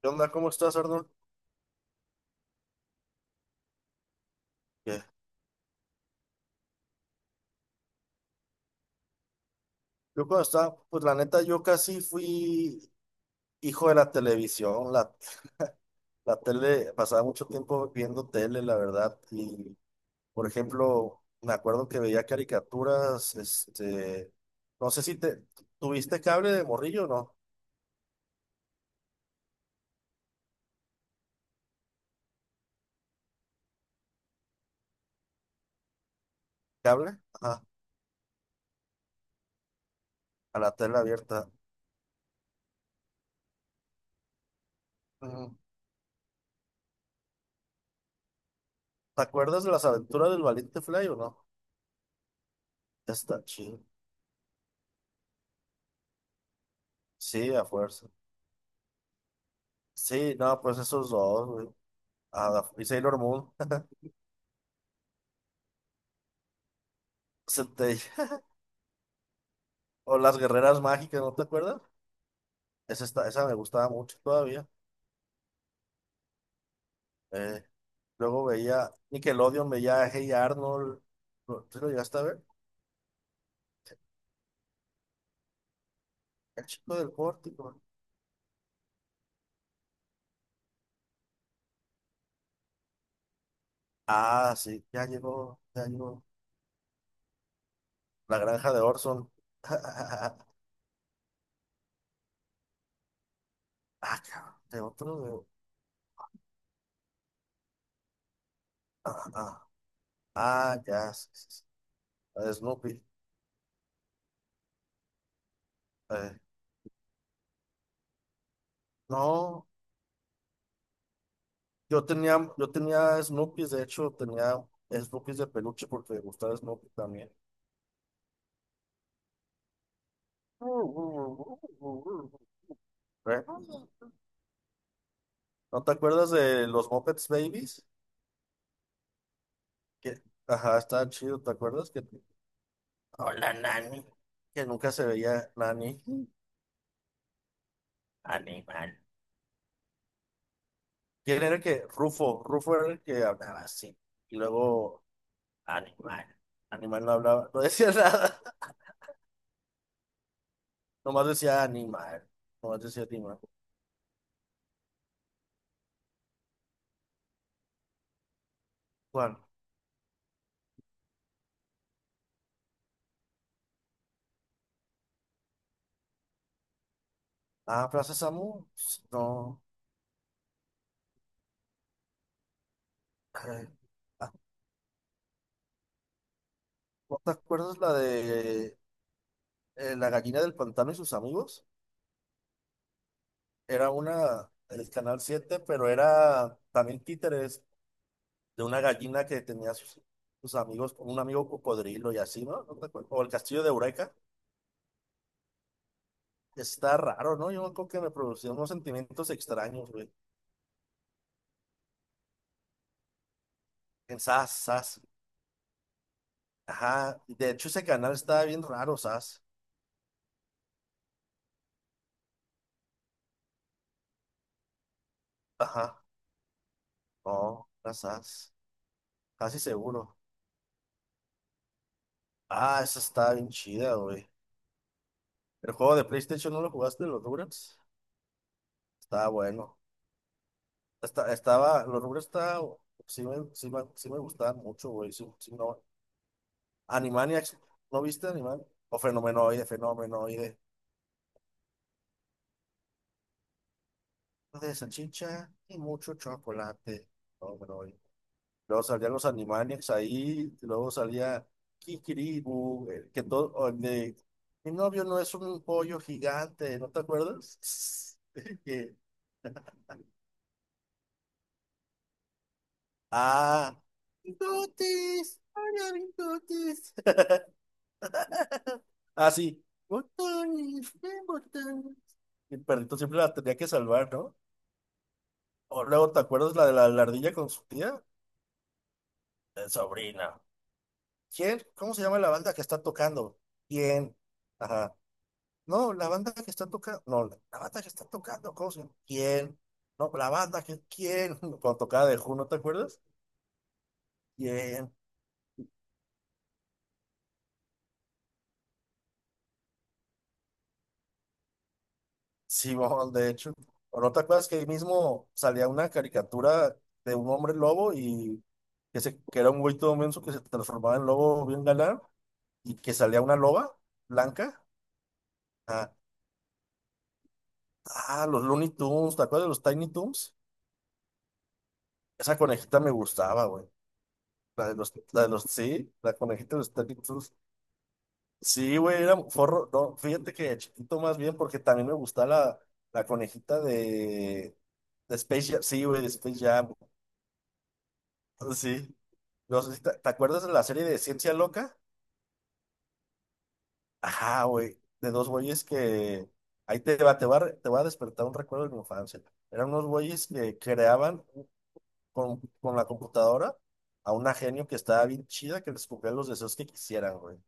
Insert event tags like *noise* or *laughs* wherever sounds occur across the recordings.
¿Qué onda? ¿Cómo estás, Arnold? ¿Qué? Yo cuando estaba, pues la neta, yo casi fui hijo de la televisión. La tele, pasaba mucho tiempo viendo tele, la verdad. Y, por ejemplo, me acuerdo que veía caricaturas, no sé si te, ¿tuviste cable de morrillo o no? ¿Cable? Ajá, a la tele abierta. Ujú. ¿Te acuerdas de las aventuras del valiente Fly o no? Está chido. Sí, a fuerza. Sí, no, pues esos dos, güey. Ah, y Sailor Moon. *laughs* Se te O las guerreras mágicas, ¿no te acuerdas? Esa me gustaba mucho todavía. Eh, Luego veía Nickelodeon, veía Hey Arnold. ¿Tú lo llegaste a ver? El chico del pórtico. Ah, sí, ya llegó, ya llegó. La granja de Orson. *laughs* Ah, cabrón, de otro. Ah, ah, ah, ya. Sí, sí, sí. La de Snoopy. Eh, no, yo tenía Snoopy, de hecho, tenía Snoopy de peluche porque me gustaba Snoopy también. *laughs* ¿Eh? ¿No te acuerdas de los Muppets Babies? Que, ajá, está chido, ¿te acuerdas? Que, hola, Nani. Que nunca se veía Nani. Animal. ¿Quién era el que? Rufo. Rufo era el que hablaba así. Y luego, animal. Animal no hablaba, no decía *laughs* nada. Nomás decía animal. Nomás decía animal. ¿Cuál? Ah, Plaza Samu. Pues, no. Eh, ah, ¿No te acuerdas la de la gallina del pantano y sus amigos? Era una, el Canal siete, pero era también títeres de una gallina que tenía sus amigos, un amigo cocodrilo y así, ¿no? ¿No te acuerdas? O el castillo de Eureka. Está raro, ¿no? Yo creo que me producía unos sentimientos extraños, güey. En SAS, SAS. Ajá. De hecho, ese canal estaba bien raro, SAS. Ajá. No, era SAS. Casi seguro. Ah, esa estaba bien chida, güey. El juego de PlayStation, ¿no lo jugaste, los Durex? Estaba bueno. Los Rugrats está, sí me gustaban mucho, güey. Sí, sí, no. Animaniacs, ¿no viste Animaniacs? O Fenomenoide, Fenomenoide. De salchicha y mucho chocolate. Fenomenoide. Luego salían los Animaniacs ahí, y luego salía Kikiribu, el que todo, o el de, mi novio no es un pollo gigante, ¿no te acuerdas? *laughs* Que- ah, Tutis, ay, ay, Tutis. Ah, sí. Botones, botones. El perrito siempre la tenía que salvar, ¿no? O luego, ¿te acuerdas la de la ardilla con su tía? El sobrina. ¿Quién? ¿Cómo se llama la banda que está tocando? ¿Quién? Ajá. No, la banda que está tocando. No, la banda que está tocando. ¿Cómo se llama? ¿Quién? No, la banda que. ¿Quién? *laughs* Cuando tocaba de Who, ¿no te acuerdas? ¿Quién? Sí, bon, de hecho. ¿O no te acuerdas que ahí mismo salía una caricatura de un hombre lobo y que era un güey todo menso que se transformaba en lobo bien galán y que salía una loba blanca? Ah, ah, los Looney Tunes, ¿te acuerdas de los Tiny Toons? Esa conejita me gustaba, güey. La de los, sí, la conejita de los Tiny Toons. Sí, güey, era forro. No, fíjate que de chiquito más bien, porque también me gustaba la conejita de Space Jam. Sí, güey, de Space Jam. *laughs* Sí. No sé si te, ¿te acuerdas de la serie de Ciencia Loca? Ajá, güey. De dos güeyes que. Ahí te va a despertar un recuerdo de mi infancia. Eran unos güeyes que creaban con la computadora a una genio que estaba bien chida que les cumplía los deseos que quisieran, güey.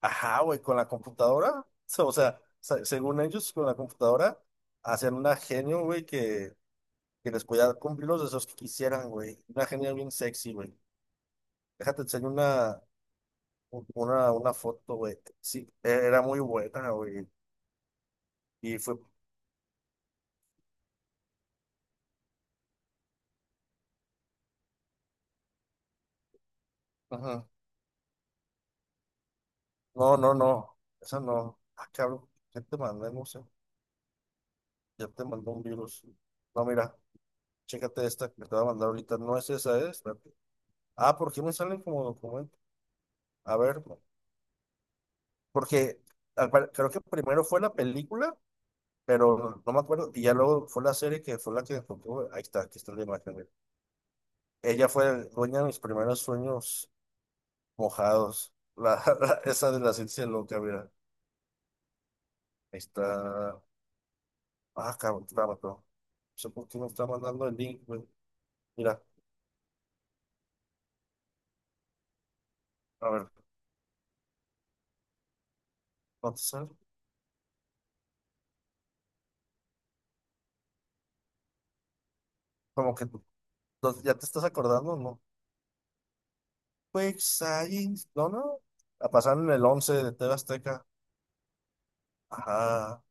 Ajá, güey, con la computadora. *laughs* O sea, según ellos, con la computadora hacían una genio, güey, que les podía cumplir los deseos que quisieran, güey. Una genio bien sexy, güey. Déjate enseño una una foto, güey. Sí, era muy buena, güey. Y fue, ajá. No, no, no. Esa no. Ah, cabrón. ¿Qué te mandé, no sé? Ya te mandó un virus. No, mira, chécate esta que te voy a mandar ahorita. No es esa, Ah, ¿por qué me salen como documento? A ver, no, porque creo que primero fue la película, pero no me acuerdo. Y ya luego fue la serie que fue la que encontró. Ahí está, aquí está la imagen, güey. Ella fue dueña de mis primeros sueños mojados. *laughs* Esa de la ciencia loca, mira. Ahí está. Ah, cabrón, te la mató. No sé por qué me está mandando el link, güey. Mira, a ver, ¿no te sale? Como que ya te estás acordando, ¿no? Quick Science, no, no. La pasaron en el 11 de TV Azteca. Ajá.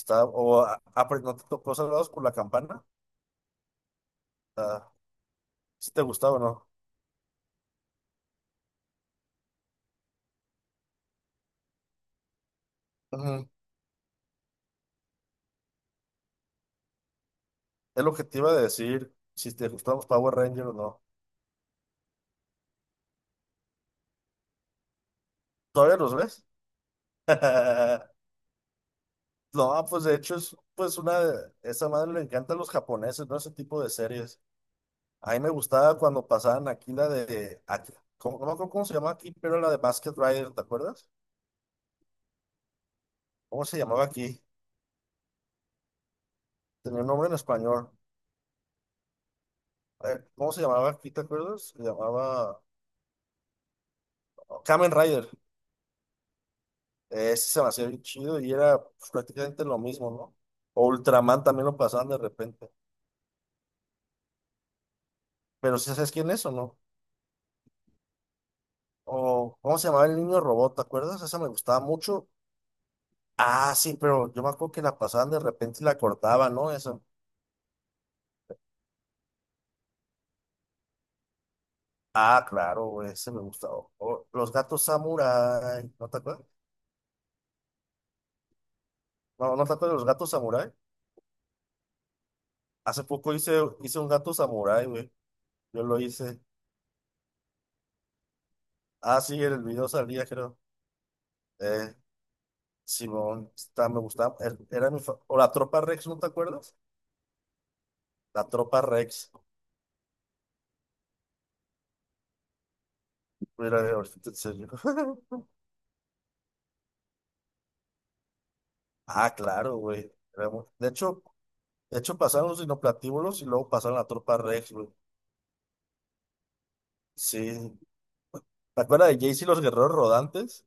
Está, o, ah, ah, pero ¿no te tocó Salvados por la Campana? Ah, si te gustaba o no. Ujú. Es lo que te iba a decir, si te gustaban los Power Rangers o no. ¿Todavía los ves? *laughs* No, pues de hecho esa madre le encanta a los japoneses, ¿no? Ese tipo de series. A mí me gustaba cuando pasaban aquí la de, aquí, ¿cómo, no me acuerdo cómo se llamaba aquí, pero la de Basket Rider, ¿te acuerdas? ¿Cómo se llamaba aquí? Tenía un nombre en español. A ver, ¿cómo se llamaba aquí, te acuerdas? Se llamaba oh, Kamen Rider. Ese se me hacía bien chido y era, pues, prácticamente lo mismo, ¿no? O Ultraman también lo pasaban de repente. ¿Pero si sabes quién es o no? O, ¿cómo se llamaba el niño robot? ¿Te acuerdas? Esa me gustaba mucho. Ah, sí, pero yo me acuerdo que la pasaban de repente y la cortaban, ¿no? Eso. Ah, claro, ese me gustaba. O los gatos samurái, ¿no te acuerdas? No, ¿no te acuerdas de los gatos samurái? Hace poco hice un gato samurái, güey. Yo lo hice. Ah, sí, en el video salía, creo. Eh, Simón, está, me gustaba. O la tropa Rex, ¿no te acuerdas? La tropa Rex. Mira, ahorita en serio. *laughs* Ah, claro, güey. Era muy- De hecho, de hecho, pasaron los dinoplatíbulos y luego pasaron la tropa Rex, güey. Sí, ¿te acuerdas de Jayce y los guerreros rodantes?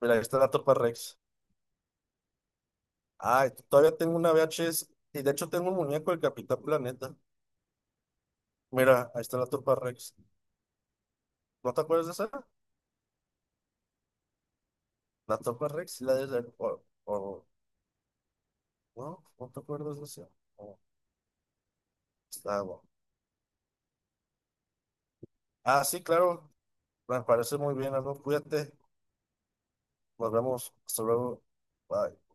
Mira, ahí está la Tropa Rex. Ah, todavía tengo una VHS. Y de hecho tengo un muñeco del Capitán Planeta. Mira, ahí está la Tropa Rex. ¿No te acuerdas de esa? La Tropa Rex, sí la de... o- no, no te acuerdas de esa. Oh, está bueno. Ah, sí, claro. Me parece muy bien. Algo Cuídate. Nos vemos. Hasta luego. Bye.